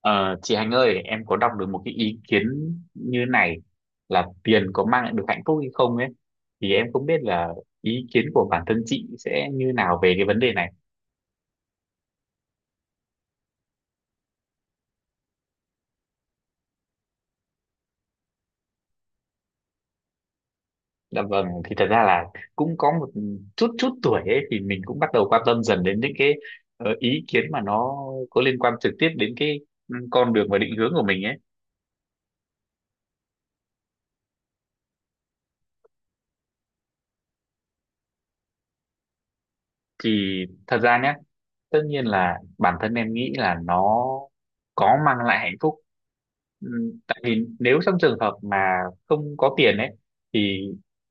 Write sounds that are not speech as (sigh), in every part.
Ờ, chị Hạnh ơi, em có đọc được một cái ý kiến như này, là tiền có mang lại được hạnh phúc hay không ấy, thì em không biết là ý kiến của bản thân chị sẽ như nào về cái vấn đề này. Dạ vâng, thì thật ra là cũng có một chút chút tuổi ấy thì mình cũng bắt đầu quan tâm dần đến những cái ý kiến mà nó có liên quan trực tiếp đến cái con đường và định hướng của mình ấy, thì thật ra nhé, tất nhiên là bản thân em nghĩ là nó có mang lại hạnh phúc. Ừ, tại vì nếu trong trường hợp mà không có tiền ấy thì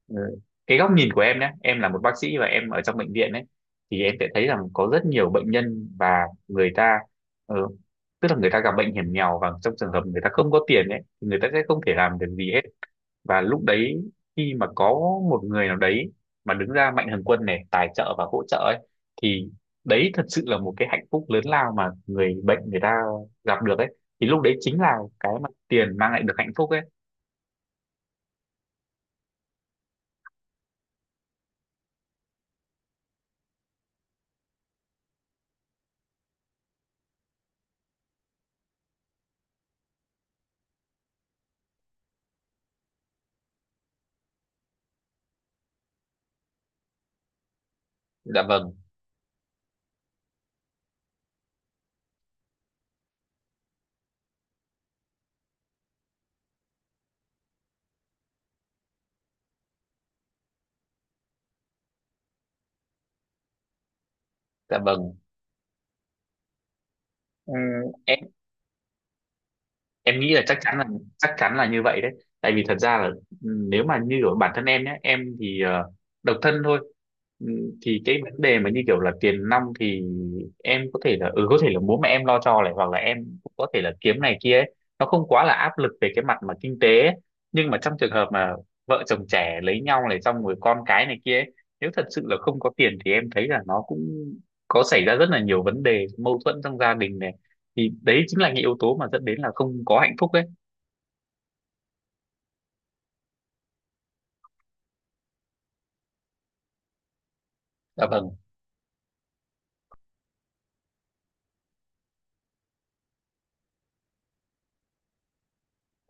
ừ, cái góc nhìn của em nhé, em là một bác sĩ và em ở trong bệnh viện ấy, thì em sẽ thấy rằng có rất nhiều bệnh nhân và người ta ừ, tức là người ta gặp bệnh hiểm nghèo, và trong trường hợp người ta không có tiền ấy thì người ta sẽ không thể làm được gì hết. Và lúc đấy khi mà có một người nào đấy mà đứng ra mạnh thường quân này, tài trợ và hỗ trợ ấy, thì đấy thật sự là một cái hạnh phúc lớn lao mà người bệnh người ta gặp được ấy, thì lúc đấy chính là cái mà tiền mang lại được hạnh phúc ấy. Dạ vâng. Dạ vâng. Ừm, em em nghĩ là chắc chắn là như vậy đấy, tại vì thật ra là nếu mà như ở bản thân em nhé, em thì độc thân thôi. Ừ, thì cái vấn đề mà như kiểu là tiền nong thì em có thể là có thể là bố mẹ em lo cho này, hoặc là em cũng có thể là kiếm này kia ấy. Nó không quá là áp lực về cái mặt mà kinh tế ấy. Nhưng mà trong trường hợp mà vợ chồng trẻ lấy nhau này, xong rồi con cái này kia ấy, nếu thật sự là không có tiền thì em thấy là nó cũng có xảy ra rất là nhiều vấn đề mâu thuẫn trong gia đình này, thì đấy chính là những yếu tố mà dẫn đến là không có hạnh phúc ấy. Dạ vâng.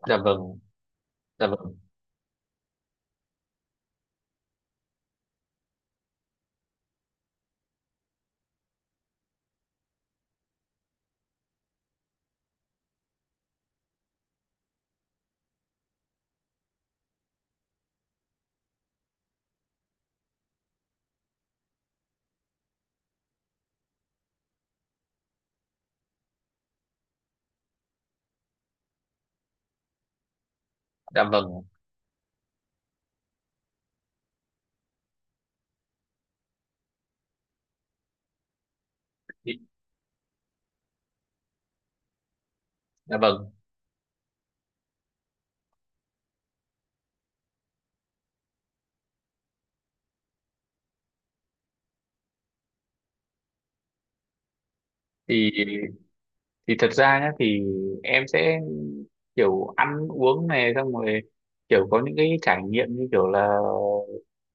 Dạ vâng. Dạ vâng. Dạ vâng. Thì- dạ vâng, thì thì thật ra nhá, thì em sẽ kiểu ăn uống này, xong rồi kiểu có những cái trải nghiệm như kiểu là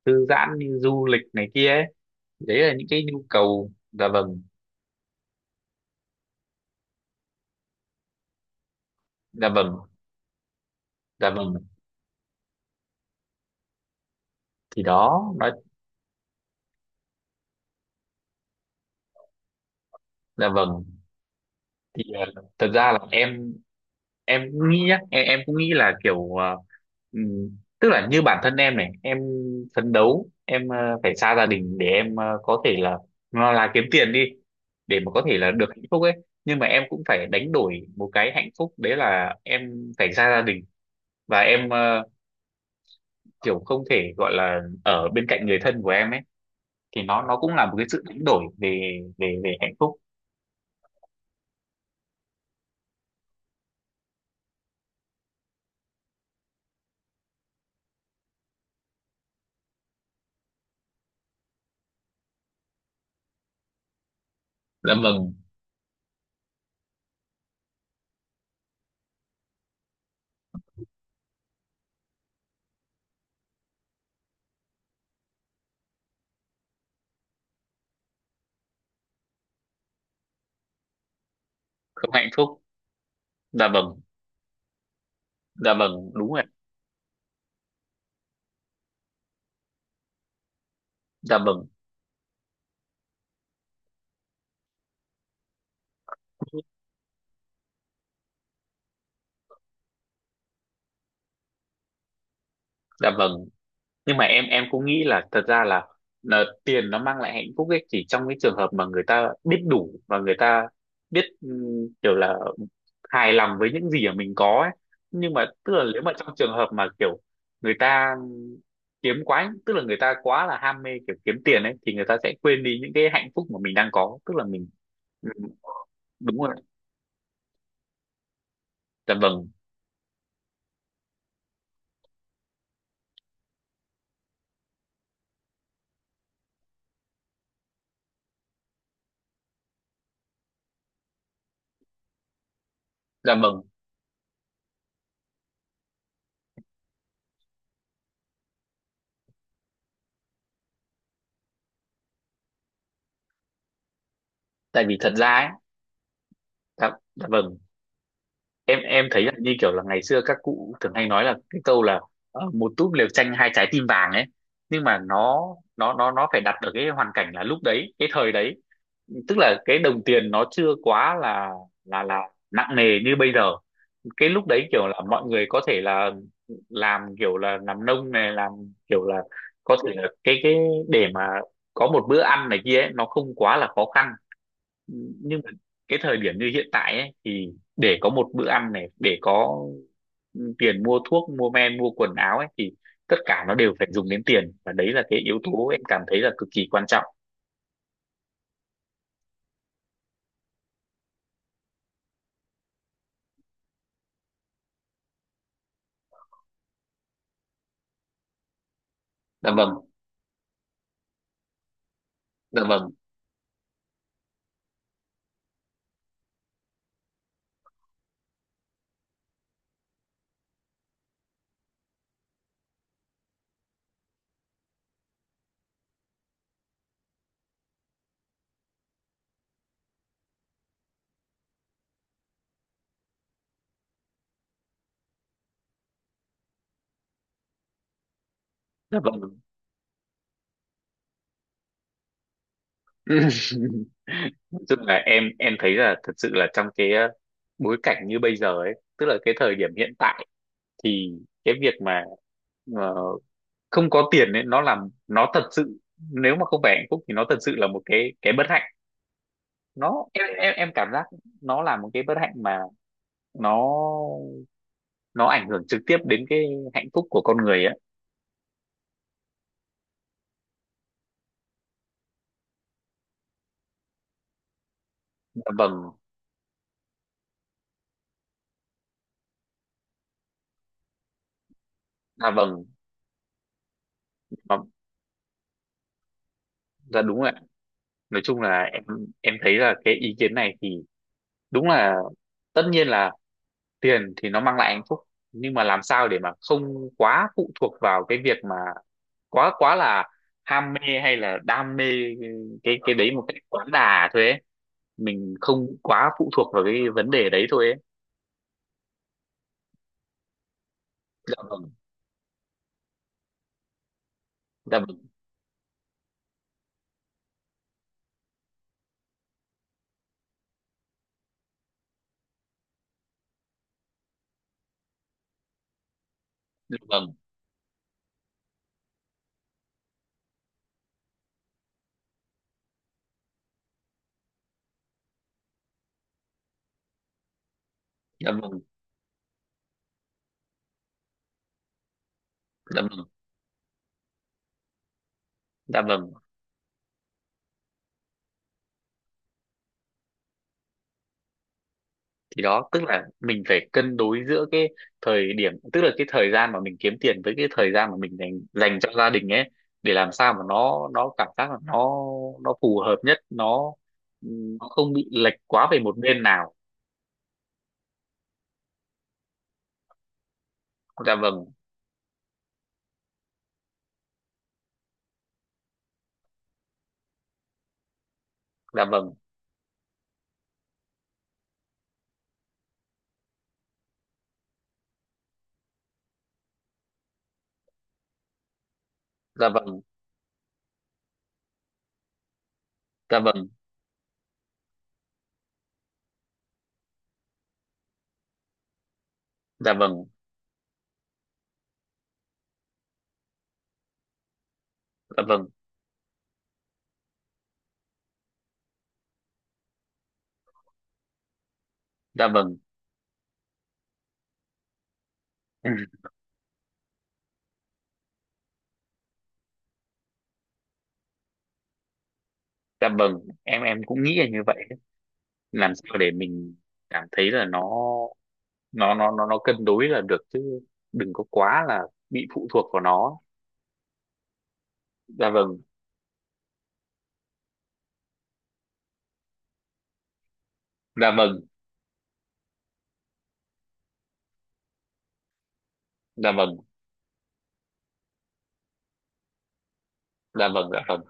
thư giãn, như du lịch này kia ấy, đấy là những cái nhu cầu. Dạ vâng. Dạ vâng. Dạ vâng. Thì đó nói. Dạ vâng. Thì thật ra là em cũng nghĩ nhá, em cũng nghĩ là kiểu tức là như bản thân em này, em phấn đấu em phải xa gia đình, để em có thể là nó là kiếm tiền đi để mà có thể là được hạnh phúc ấy. Nhưng mà em cũng phải đánh đổi một cái hạnh phúc, đấy là em phải xa gia đình và em kiểu không thể gọi là ở bên cạnh người thân của em ấy, thì nó cũng là một cái sự đánh đổi về về về hạnh phúc. Dạ vâng. Không hạnh phúc. Dạ vâng. Dạ vâng. Đúng rồi. Dạ vâng. Dạ vâng. Nhưng mà em cũng nghĩ là thật ra là tiền nó mang lại hạnh phúc ấy chỉ trong cái trường hợp mà người ta biết đủ và người ta biết kiểu là hài lòng với những gì mà mình có ấy. Nhưng mà tức là nếu mà trong trường hợp mà kiểu người ta kiếm quá, tức là người ta quá là ham mê kiểu kiếm tiền ấy, thì người ta sẽ quên đi những cái hạnh phúc mà mình đang có, tức là mình ừm, đúng rồi. Dạ vâng. Dạ vâng. Tại vì thật ra ấy. Dạ, dạ vâng. Em thấy là như kiểu là ngày xưa các cụ thường hay nói là cái câu là một túp lều tranh hai trái tim vàng ấy. Nhưng mà nó phải đặt ở cái hoàn cảnh là lúc đấy cái thời đấy, tức là cái đồng tiền nó chưa quá là là nặng nề như bây giờ. Cái lúc đấy kiểu là mọi người có thể là làm, kiểu là làm nông này, làm kiểu là có thể là cái để mà có một bữa ăn này kia ấy, nó không quá là khó khăn. Nhưng mà cái thời điểm như hiện tại ấy, thì để có một bữa ăn này, để có tiền mua thuốc mua men mua quần áo ấy, thì tất cả nó đều phải dùng đến tiền, và đấy là cái yếu tố em cảm thấy là cực kỳ quan trọng. Dạ vâng. Dạ vâng. Dạ vâng. (laughs) Nói chung là em thấy là thật sự là trong cái bối cảnh như bây giờ ấy, tức là cái thời điểm hiện tại, thì cái việc mà ờ, không có tiền ấy, nó làm nó thật sự, nếu mà không phải hạnh phúc thì nó thật sự là một cái bất hạnh. Nó em em em cảm giác nó là một cái bất hạnh mà nó nó ảnh hưởng trực tiếp đến cái hạnh phúc của con người á. Dạ vâng. Dạ vâng. Dạ. Dạ đúng rồi ạ. Nói chung là em thấy là cái ý kiến này thì đúng là, tất nhiên là tiền thì nó mang lại hạnh phúc, nhưng mà làm sao để mà không quá phụ thuộc vào cái việc mà quá quá là ham mê hay là đam mê cái đấy một cách quá đà thôi ấy, mình không quá phụ thuộc vào cái vấn đề đấy thôi ấy. Dạ vâng. Dạ vâng. Dạ vâng. Dạ vâng. Dạ vâng. Dạ vâng. Thì đó tức là mình phải cân đối giữa cái thời điểm, tức là cái thời gian mà mình kiếm tiền với cái thời gian mà mình dành dành cho gia đình ấy, để làm sao mà nó cảm giác là nó phù hợp nhất, nó không bị lệch quá về một bên nào. Dạ vâng. Dạ vâng. Dạ vâng. Dạ vâng. Dạ vâng. Dạ vâng. Dạ vâng. Ừ, dạ vâng, em cũng nghĩ là như vậy. Làm sao để mình cảm thấy là nó cân đối là được chứ, đừng có quá là bị phụ thuộc vào nó. Dạ vâng. Dạ vâng. Dạ vâng. Dạ vâng. Dạ vâng.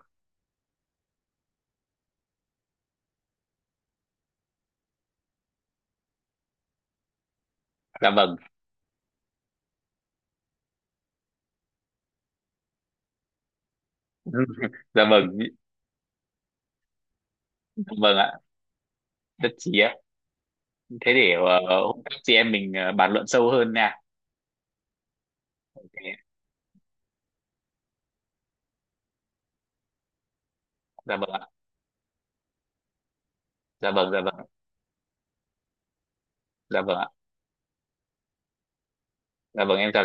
Dạ vâng. (laughs) Dạ vâng. Dạ vâng ạ. Rất chí ạ. Thế để hôm khác chị em mình bàn luận sâu hơn nha. Thế- dạ vâng ạ. Dạ vâng. Dạ vâng. Dạ vâng ạ. Dạ vâng, em chào.